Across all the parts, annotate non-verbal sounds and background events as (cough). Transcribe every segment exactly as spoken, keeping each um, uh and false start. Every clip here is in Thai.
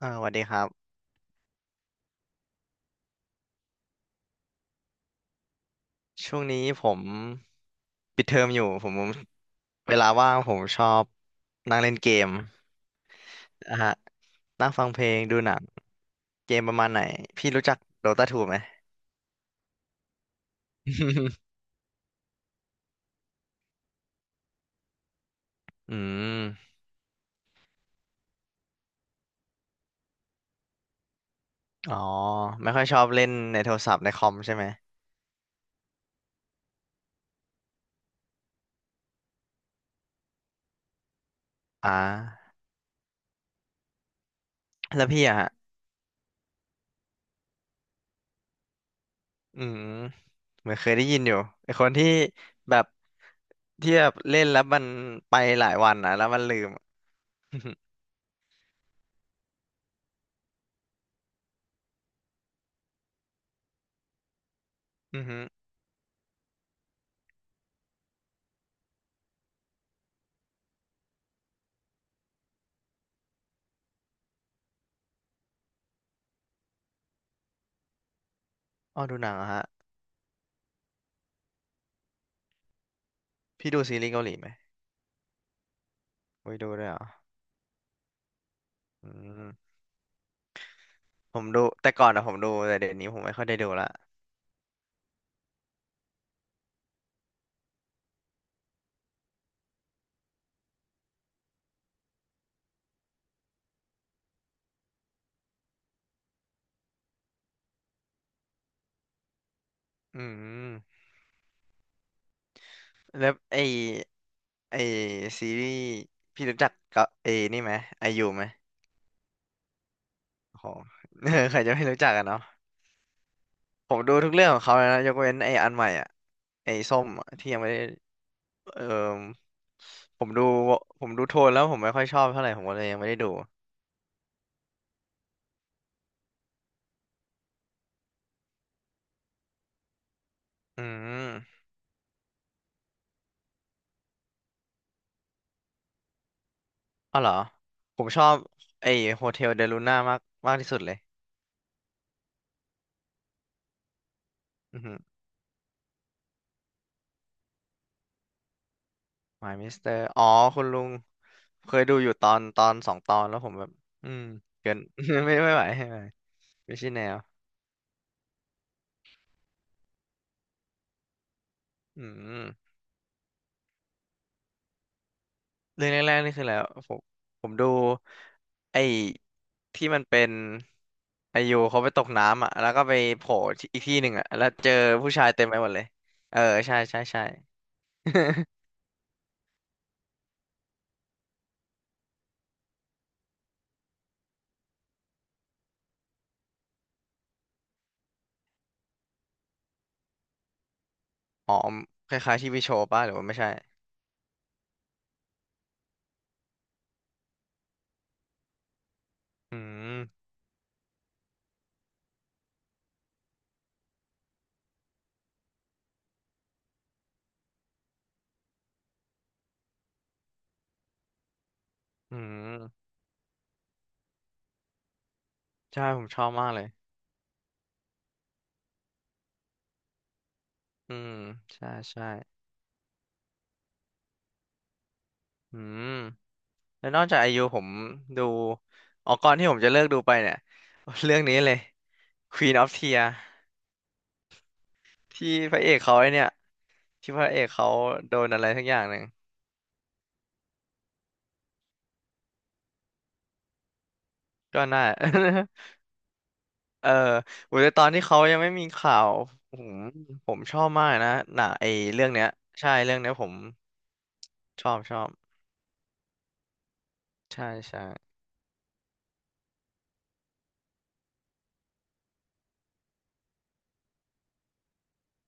อ่าสวัสดีครับช่วงนี้ผมปิดเทอมอยู่ผมเวลาว่างผมชอบนั่งเล่นเกมนะฮะนั่งฟังเพลงดูหนังเกมประมาณไหนพี่รู้จักโดตาทูไหม (laughs) อืมอ๋อไม่ค่อยชอบเล่นในโทรศัพท์ในคอมใช่ไหมอ่าแล้วพี่อะฮะอืมเหมือนเคยได้ยินอยู่ไอคนที่แบบที่แบบเล่นแล้วมันไปหลายวันนะแล้วมันลืม (laughs) อือ (laughs) ฮึอ๋อดูหนังเหรอฮะพี่ดูซีรีส์เกาหลีไหมโอ้ยดูด้วยเหรอ อืมผมดูแต่ก่อนอะผมดูแต่เดี๋ยวนี้ผมไม่ค่อยได้ดูละอืมแล้วไอไอซีรีส์พี่รู้จักก็เอนี่ไหมไอยูไหมโอ้โห (laughs) ใครจะไม่รู้จักอะเนาะผมดูทุกเรื่องของเขาเลยนะยกเว้นไออันใหม่อะไอส้มอะที่ยังไม่ได้เออผมดูผมดูโทนแล้วผมไม่ค่อยชอบเท่าไหร่ผมก็เลยยังไม่ได้ดูอืมอ๋อเหรอผมชอบไอโฮเทลเดลูน่ามากมากที่สุดเลยอืม มายมิสเตอร์อ๋อคุณลุงเคยดูอยู่ตอนตอนสองตอนแล้วผมแบบอืมเกิน (laughs) ไม่ไม่ไหวไม่ไหวไม่ใช่แนวอืมเรื่องแรกๆนี่คือแล้วผมผมดูไอ้ที่มันเป็นไอยูเขาไปตกน้ำอ่ะแล้วก็ไปโผล่ที่อีกที่หนึ่งอ่ะแล้วเจอผู้ชายเต็มไปหมดเลยเออใช่ใช่ใช่ (laughs) อ๋อคล้ายๆที่วิโชว์ป่ะหรือว่าไม่ใช่อืมอืมใช่ผมชอบมากเลยอืมใช่ใช่อืม แล้วนอกจากไอยูผมดูออกก่อนที่ผมจะเลิกดูไปเนี่ย (laughs) เรื่องนี้เลย Queen of Tears ที่พระเอกเขาไอเนี่ยที่พระเอกเขาโดนอะไรสักอย่างหนึ่งก็น่า (laughs) เออโอ้ยแต่ตอนที่เขายังไม่มีข่าวผมผมชอบมากนะหนังไอเรื่องเนี้ยใช่เรื่องเนี้ยผมชอบชอบใช่ใช่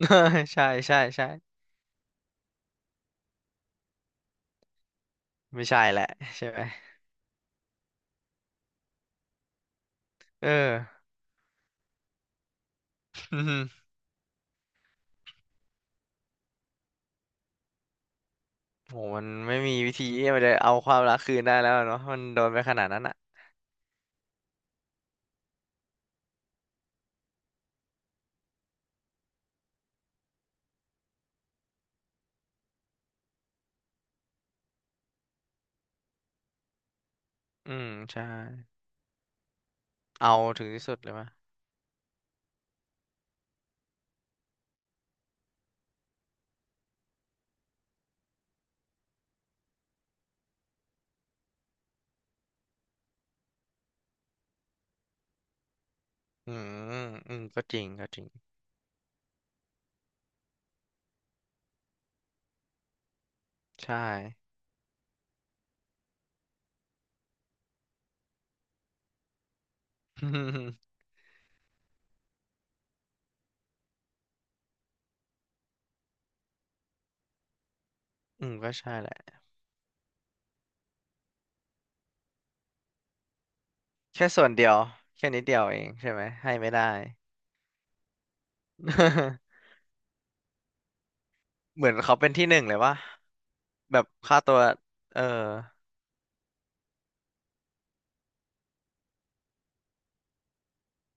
(laughs) ใช่ใช่ใช่ไม่ใช่แหละใช่ไหมเออ (laughs) โหมันไม่มีวิธีที่มันจะเอาความรักคืนได้แล้วเนาะมันโดนไปขนาดนั้นอ่ะอืมใช่เอาถึงที่สุดเลยมะอืมอืมก็จริงก็จริงใช่ (laughs) อืมอืมก็ใช่แหละแค่ส่วนเดียวแค่นิดเดียวเองใช่ไหมให้ไม่ได้ (laughs) เหมือนเขาเป็นที่หนึ่งเลยวะแบบค่าตัวเออ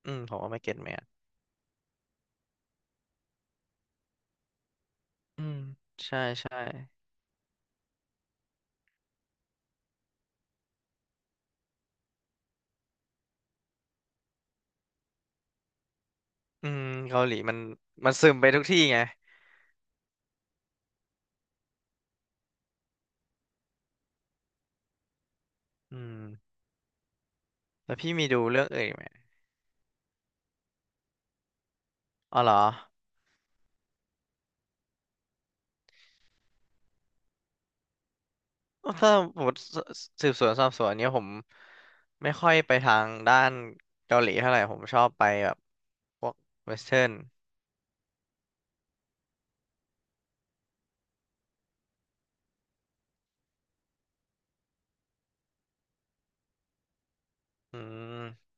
อืมผมว่าไม่เก็ตแมนอืมใช่ใช่อืมเกาหลีมันมันซึมไปทุกที่ไงอืมแล้วพี่มีดูเรื่องอื่นอีกไหมอ๋อเหรอ ถ้าผมติสืบสวนสอบสวนเนี้ยผมไม่ค่อยไปทางด้านเกาหลีเท่าไหร่ผมชอบไปแบบพวกเวสเทิร์นอืม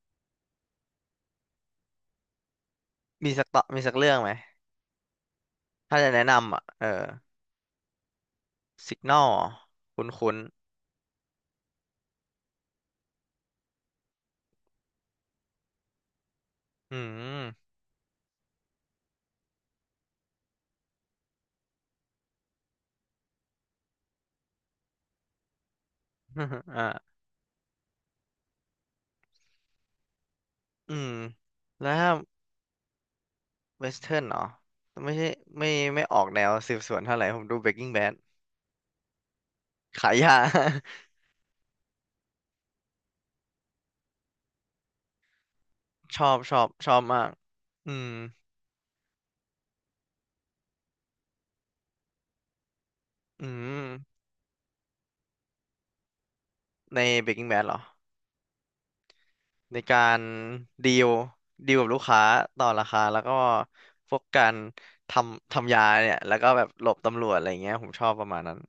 มีสักต่อมีสักเรื่องไหมถ้าจะแนะนำอ่ะเออสิกนอลคุ้นคุ้นๆอืม (laughs) อ่าอืมแล้วถ้าเวสเทิร์นเหรอไม่ใช่ไม่ไม่ออกแนวสืบสวนเท่าไหร่ผมดู Breaking Bad ขายยา (laughs) ชอบชอบชอบมากอืมอืมใน Breaking Bad เหรอ ในการดีลดีลกับลูกค้าต่อราคาแล้วก็พวกการทำทำยาเนี่ยแล้วก็แบบหลบตำรวจอะไรเงี้ยผมชอบประมาณนั้น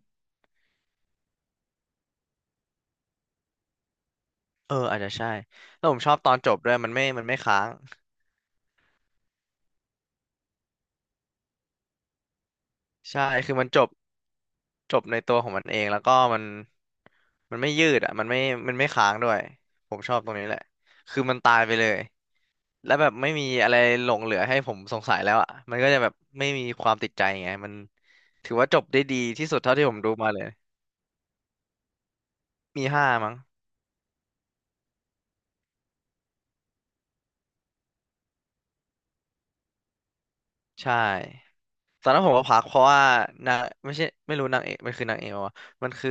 เอออาจจะใช่แล้วผมชอบตอนจบด้วยมันไม่มันไม่ค้างใช่คือมันจบจบในตัวของมันเองแล้วก็มันมันไม่ยืดอ่ะมันไม่มันไม่ค้างด้วยผมชอบตรงนี้แหละคือมันตายไปเลยแล้วแบบไม่มีอะไรหลงเหลือให้ผมสงสัยแล้วอ่ะมันก็จะแบบไม่มีความติดใจไงมันถือว่าจบได้ดีที่สุดเท่าที่ผมดูมาเลย มีห้ามั้งใช่ตอนนั้นผมก็พักเพราะว่านางไม่ใช่ไม่รู้นางเอกมันคือนางเอกวะมันคือ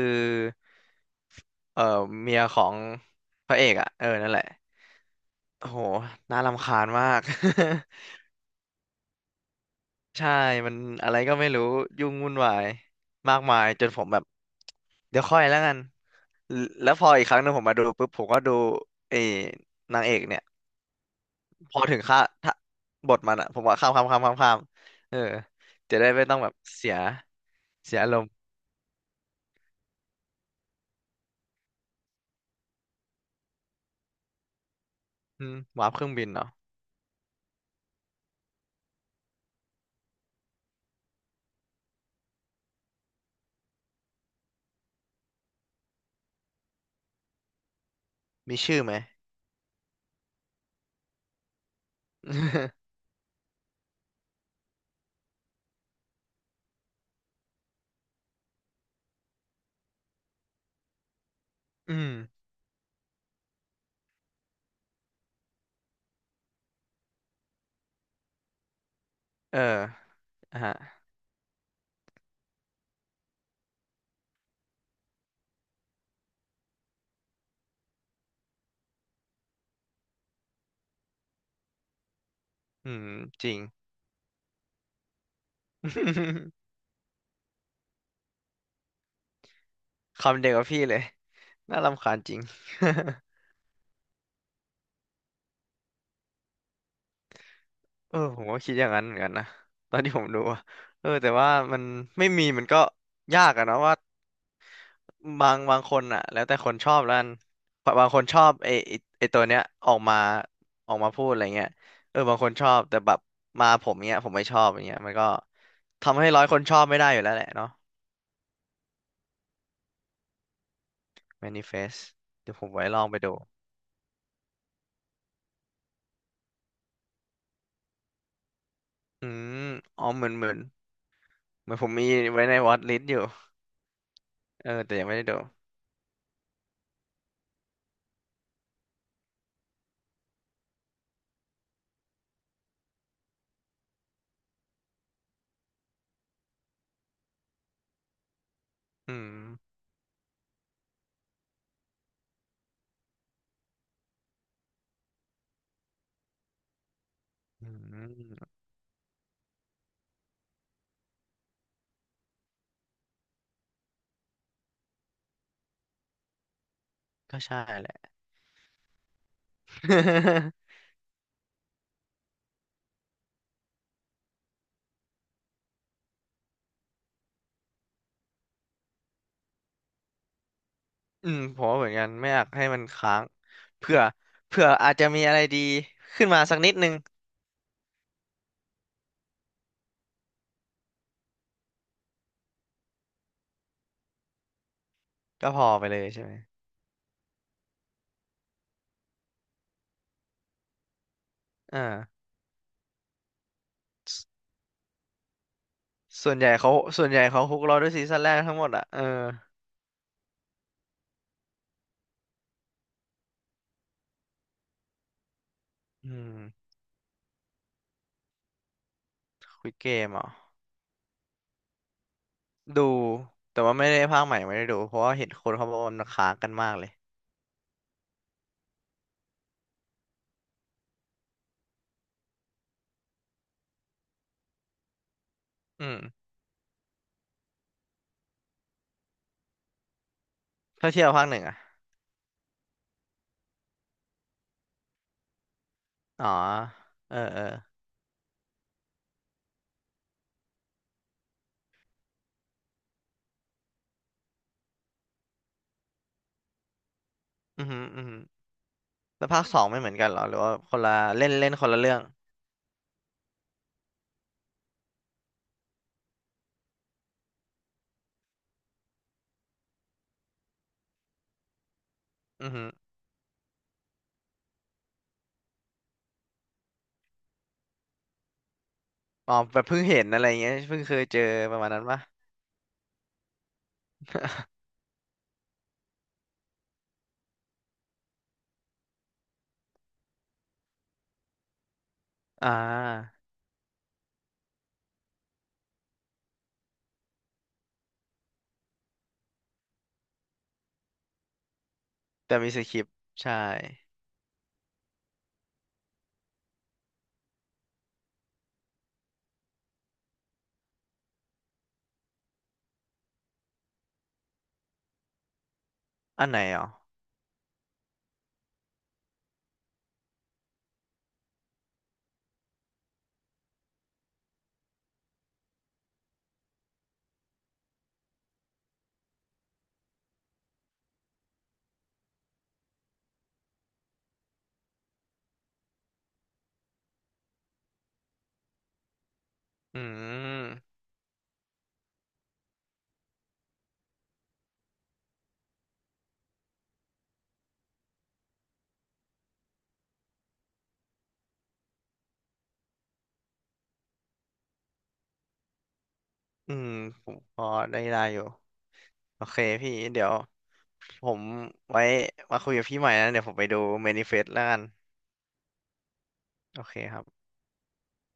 เอ่อเมียของพระเอกอ่ะเออนั่นแหละโอ้โหน่ารำคาญมาก (laughs) ใช่มันอะไรก็ไม่รู้ยุ่งวุ่นวายมากมายจนผมแบบเดี๋ยวค่อยแล้วกันแล้วพออีกครั้งหนึงผมมาดูปุ๊บผมก็ดูเออนางเอกเนี่ย พอถึงค่าถ้าบทมันอะผมว่าข้ามข้ามข้ามข้ามข้ามเออจะได้ไม่ต้องแบบเสียเสียอารมณ์อืมวาร์ปเครื่องบินเนาะ มีชื่อไหม (laughs) อืมเอออ่ะฮะอืมจริง (laughs) คำเดียวกับพี่เลย น่ารำคาญจริง (laughs) เออผมก็คิดอย่างนั้นเหมือนกันนะ ตอนที่ผมดูอะเออแต่ว่ามันไม่มีมันก็ยากอะเนาะว่า บางบางคนอ่ะแล้วแต่คนชอบแล้วกันบางคนชอบไอไอ้ไอตัวเนี้ยออกมาออกมาพูดอะไรเงี้ยเออบางคนชอบแต่แบบมาผมเนี้ยผมไม่ชอบอย่างเงี้ยมันก็ทำให้ร้อยคนชอบไม่ได้อยู่แล้วแหละเนาะ manifest เดี๋ยวผมไว้ลองไปดูอืมอ๋อเหมือนเหมือนเหมือนผมมีไว้ในวอตลิสต์อยู่เออแต่ยังไม่ได้ดูอืมอืมก็ใช่แหละ (laughs) อืมผมว่าเหมือนกันไม่อยากให้มันค้างเผื่อเผื่ออาจจะมีอะไรดีขึ้นมาสักนิดนึง ก็พอไปเลยใช่ไหมอ่าสส่วนใหญ่เขาส่วนใหญ่เขาฮุกเราด้วยซีซั่นแรกทั้งหมดอ่ะเอออืมคุยเกมเหรอ่ดูแต่ว่าไม่ได้ภาคใหม่ไม่ได้ดูเพราะว่าเห็นคนเขาบอกว่ามันค้างกันมากเลยอืมถ้าเทียบกับภาคหนึ่งอ่ะอ๋อเออเอออือหืออือหือแล้วภาคสองไม่เหมือนกันเหรอหรือว่าคนละเล่นเล่นคนละเรื่องอือหืออ๋อแบบเพิ่งเห็นอะไรเงี้ยเพิ่งเคยเจอประมาณนั้นปะอ่าแต่มีสคริปต์ใช่อันไหนอ๋ออืมอืมผมพอได้ได้อยู่ โอเคพี่เดี๋ยวผมไว้มาคุยกับพี่ใหม่นะเดี๋ยวผมไปดูเมนิเฟสแล้วกันโอเคครับ